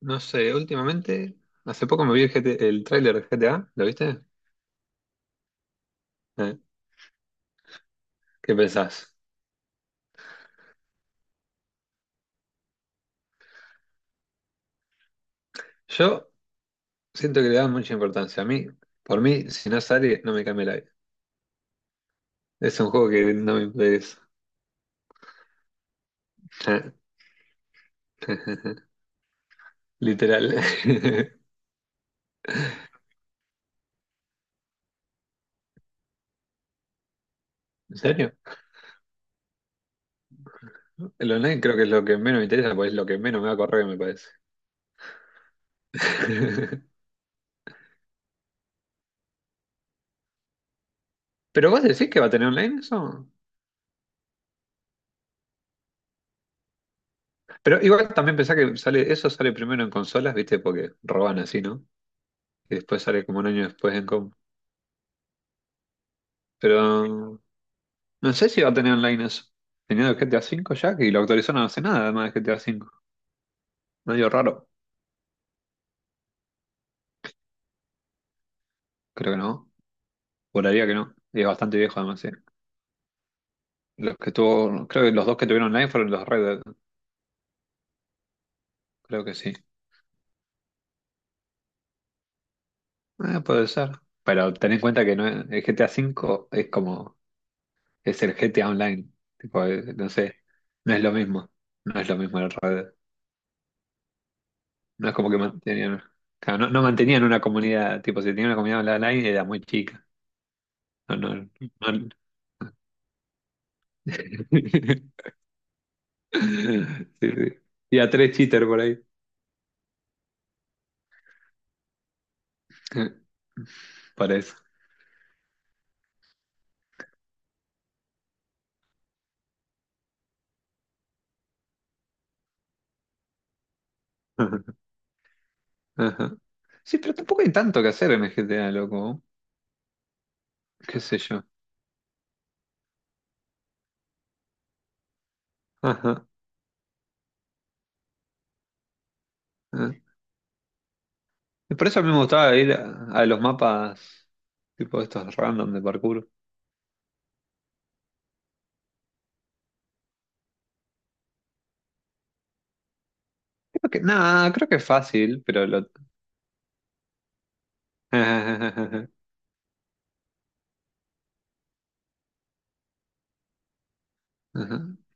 No sé, últimamente, hace poco me vi el tráiler de GTA, ¿lo viste? Eh, ¿Qué pensás? Yo siento que le da mucha importancia. A mí, por mí, si no sale, no me cambia la vida. Es un juego que no me interesa. Eh, Literal. ¿En serio? El online creo que es lo que menos me interesa, pues es lo que menos me va a correr, me parece. Pero vos decís que va a tener online eso. Pero igual también pensá que sale, eso sale primero en consolas, ¿viste? Porque roban así, ¿no? Y después sale como un año después en comp. Pero No sé si va a tener online eso. Tenía el GTA V ya, que lo actualizaron hace nada, además de GTA V. Medio raro. Creo que no. Juraría que no. Y es bastante viejo, además, sí. Los que tuvo, creo que los dos que tuvieron online fueron los Red Dead. Creo que sí. Puede ser. Pero ten en cuenta que no el GTA V es como, es el GTA Online. Tipo, no sé, no es lo mismo. No es lo mismo el Red Dead. No es como que mantenían, claro, no, no mantenían una comunidad, tipo, si tenían una comunidad online era muy chica. No, no, no. Sí, sí. Y a tres cheaters por ahí. Para eso. Ajá. Sí, pero tampoco hay tanto que hacer en el GTA, loco. ¿Qué sé yo? Ajá. Ah. Y por eso a mí me gustaba ir a los mapas tipo estos random de parkour. Creo que, nada, creo que es fácil, pero lo... Ajá.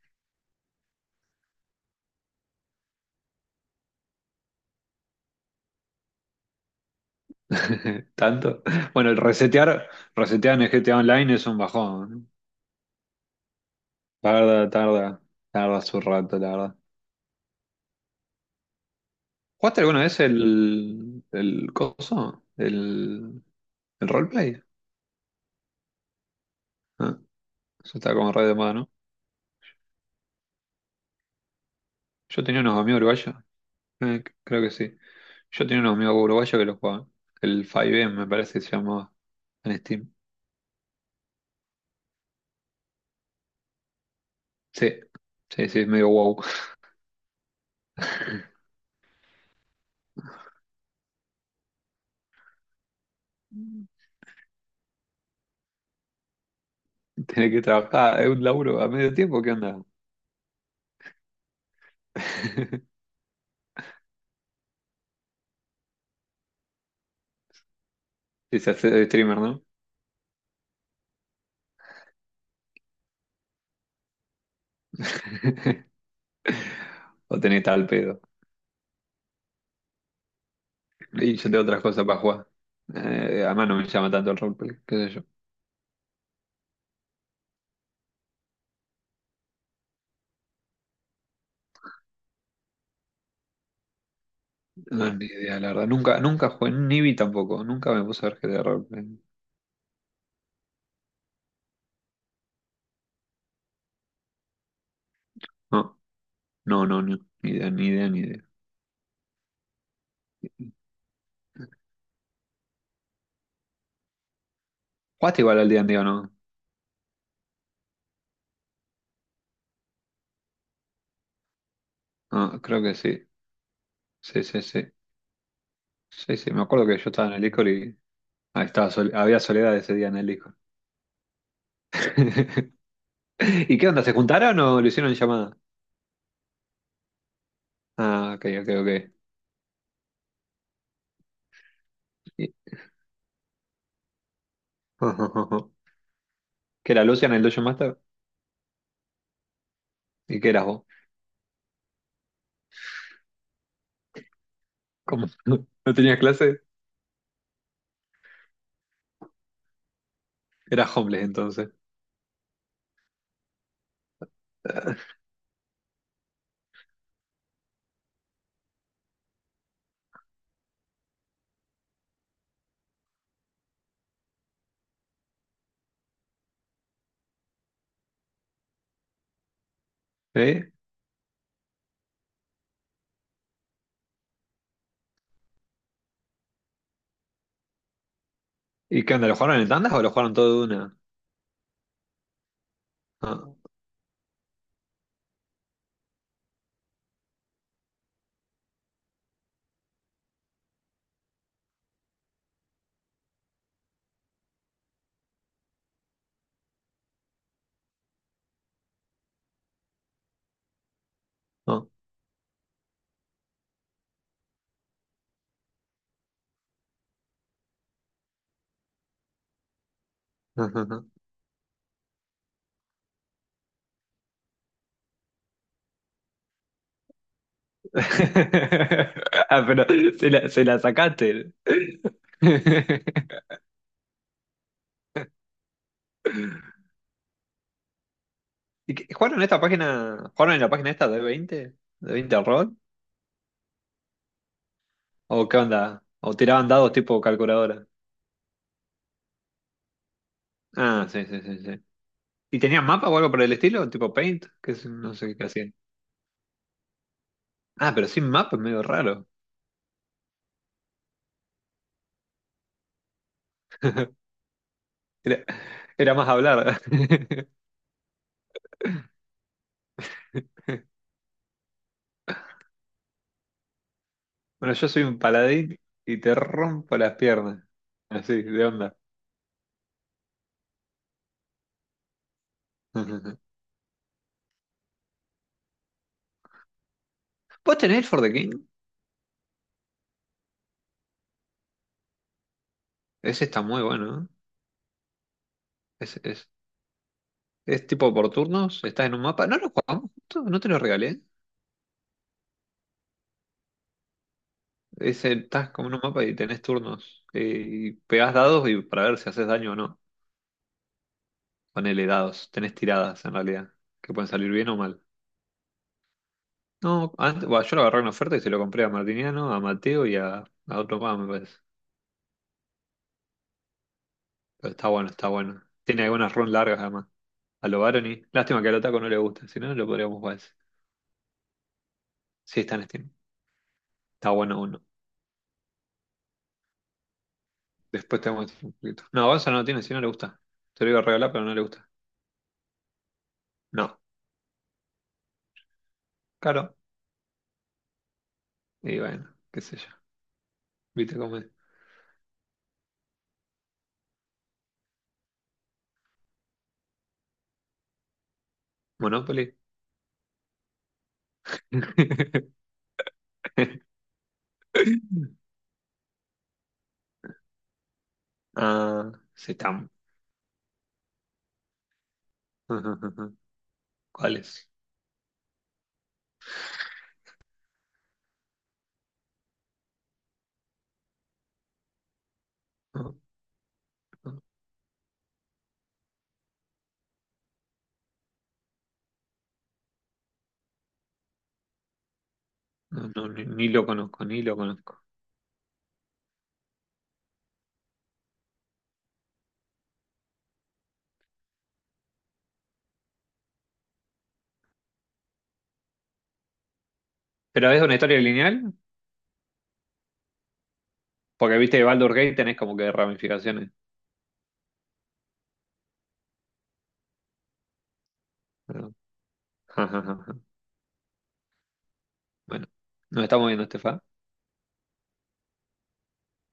¿Tanto? Bueno, el resetear, resetear en el GTA Online es un bajón. Tarda, tarda, tarda su rato, la verdad. ¿Jugaste alguna vez el coso? ¿El roleplay? Ah, eso está como re de moda, ¿no? Yo tenía unos amigos uruguayos, creo que sí. Yo tenía unos amigos uruguayos que lo jugaban. El 5M me parece que se llamaba en Steam. Sí, sí, sí, es medio wow. Tener que trabajar, ah, es un laburo a medio tiempo, ¿qué onda? Si se hace de streamer, ¿no? O tenés tal pedo. Y yo tengo otras cosas para jugar. Además no me llama tanto el roleplay, qué sé No, ni idea, la verdad. Nunca, nunca jugué, ni vi tampoco. Nunca me puse a ver GTA Roleplay. No, no, no, no. Ni idea, ni idea, ni idea. ¿Jugaste igual al día en día o no? No, creo que sí. Sí, sí, sí. Sí, sí. Me acuerdo que yo estaba en el Discord y ahí estaba había soledad ese día en el Discord. ¿Y qué onda? ¿Se juntaron o lo hicieron en llamada? Ah, ok, ok, ok. Y- ¿Qué era Lucian el Dojo Master? ¿Y qué eras vos? ¿Cómo? ¿No tenías clase? Eras homeless entonces. ¿Eh? ¿Y qué onda? ¿Lo jugaron en tandas o lo jugaron todo de una? Ah, ah, ah, ah, ah. Ah, pero se la sacaste. ¿Jugaron en esta página? ¿Jugaron en la página esta ¿De 20 al rol? ¿O qué onda? ¿O tiraban dados tipo calculadora? Ah, sí, sí, sí, sí. ¿Y tenían mapa o algo por el estilo? ¿Tipo Paint? No sé qué hacían. Ah, pero sin mapa es medio raro. Era, era más hablar. Bueno, yo soy un paladín y te rompo las piernas. Así, de onda. ¿Vos tenés el For the King? Ese está muy bueno, ¿eh? Es, es, es tipo por turnos, estás en un mapa. No lo jugamos, juntos? No te lo regalé. Estás como en un mapa y tenés turnos. Y pegás dados y para ver si haces daño o no. Ponele dados, tenés tiradas en realidad, que pueden salir bien o mal. No, antes, bueno, yo lo agarré en oferta y se lo compré a Martiniano, a Mateo y a otro más, me parece. Pero está bueno, está bueno. Tiene algunas runs largas además. A lo Baroni. Lástima que al Otaco no le gusta, si no, lo podríamos jugar ese. Sí, está en Steam. Está bueno uno. Después te muestro un poquito. No, Gonza no tiene, si no le gusta. Te lo iba a regalar, pero no le gusta. No, caro. Y bueno, qué sé yo. ¿Viste cómo es? Monopoly. Ah, Cetam. ¿Cuál es? No, no, no, no, ni lo conozco, ni lo conozco. ¿Pero es una historia lineal? Porque viste que Baldur's Gate tenés como que ramificaciones. Pero- Bueno, nos estamos viendo, Estefa.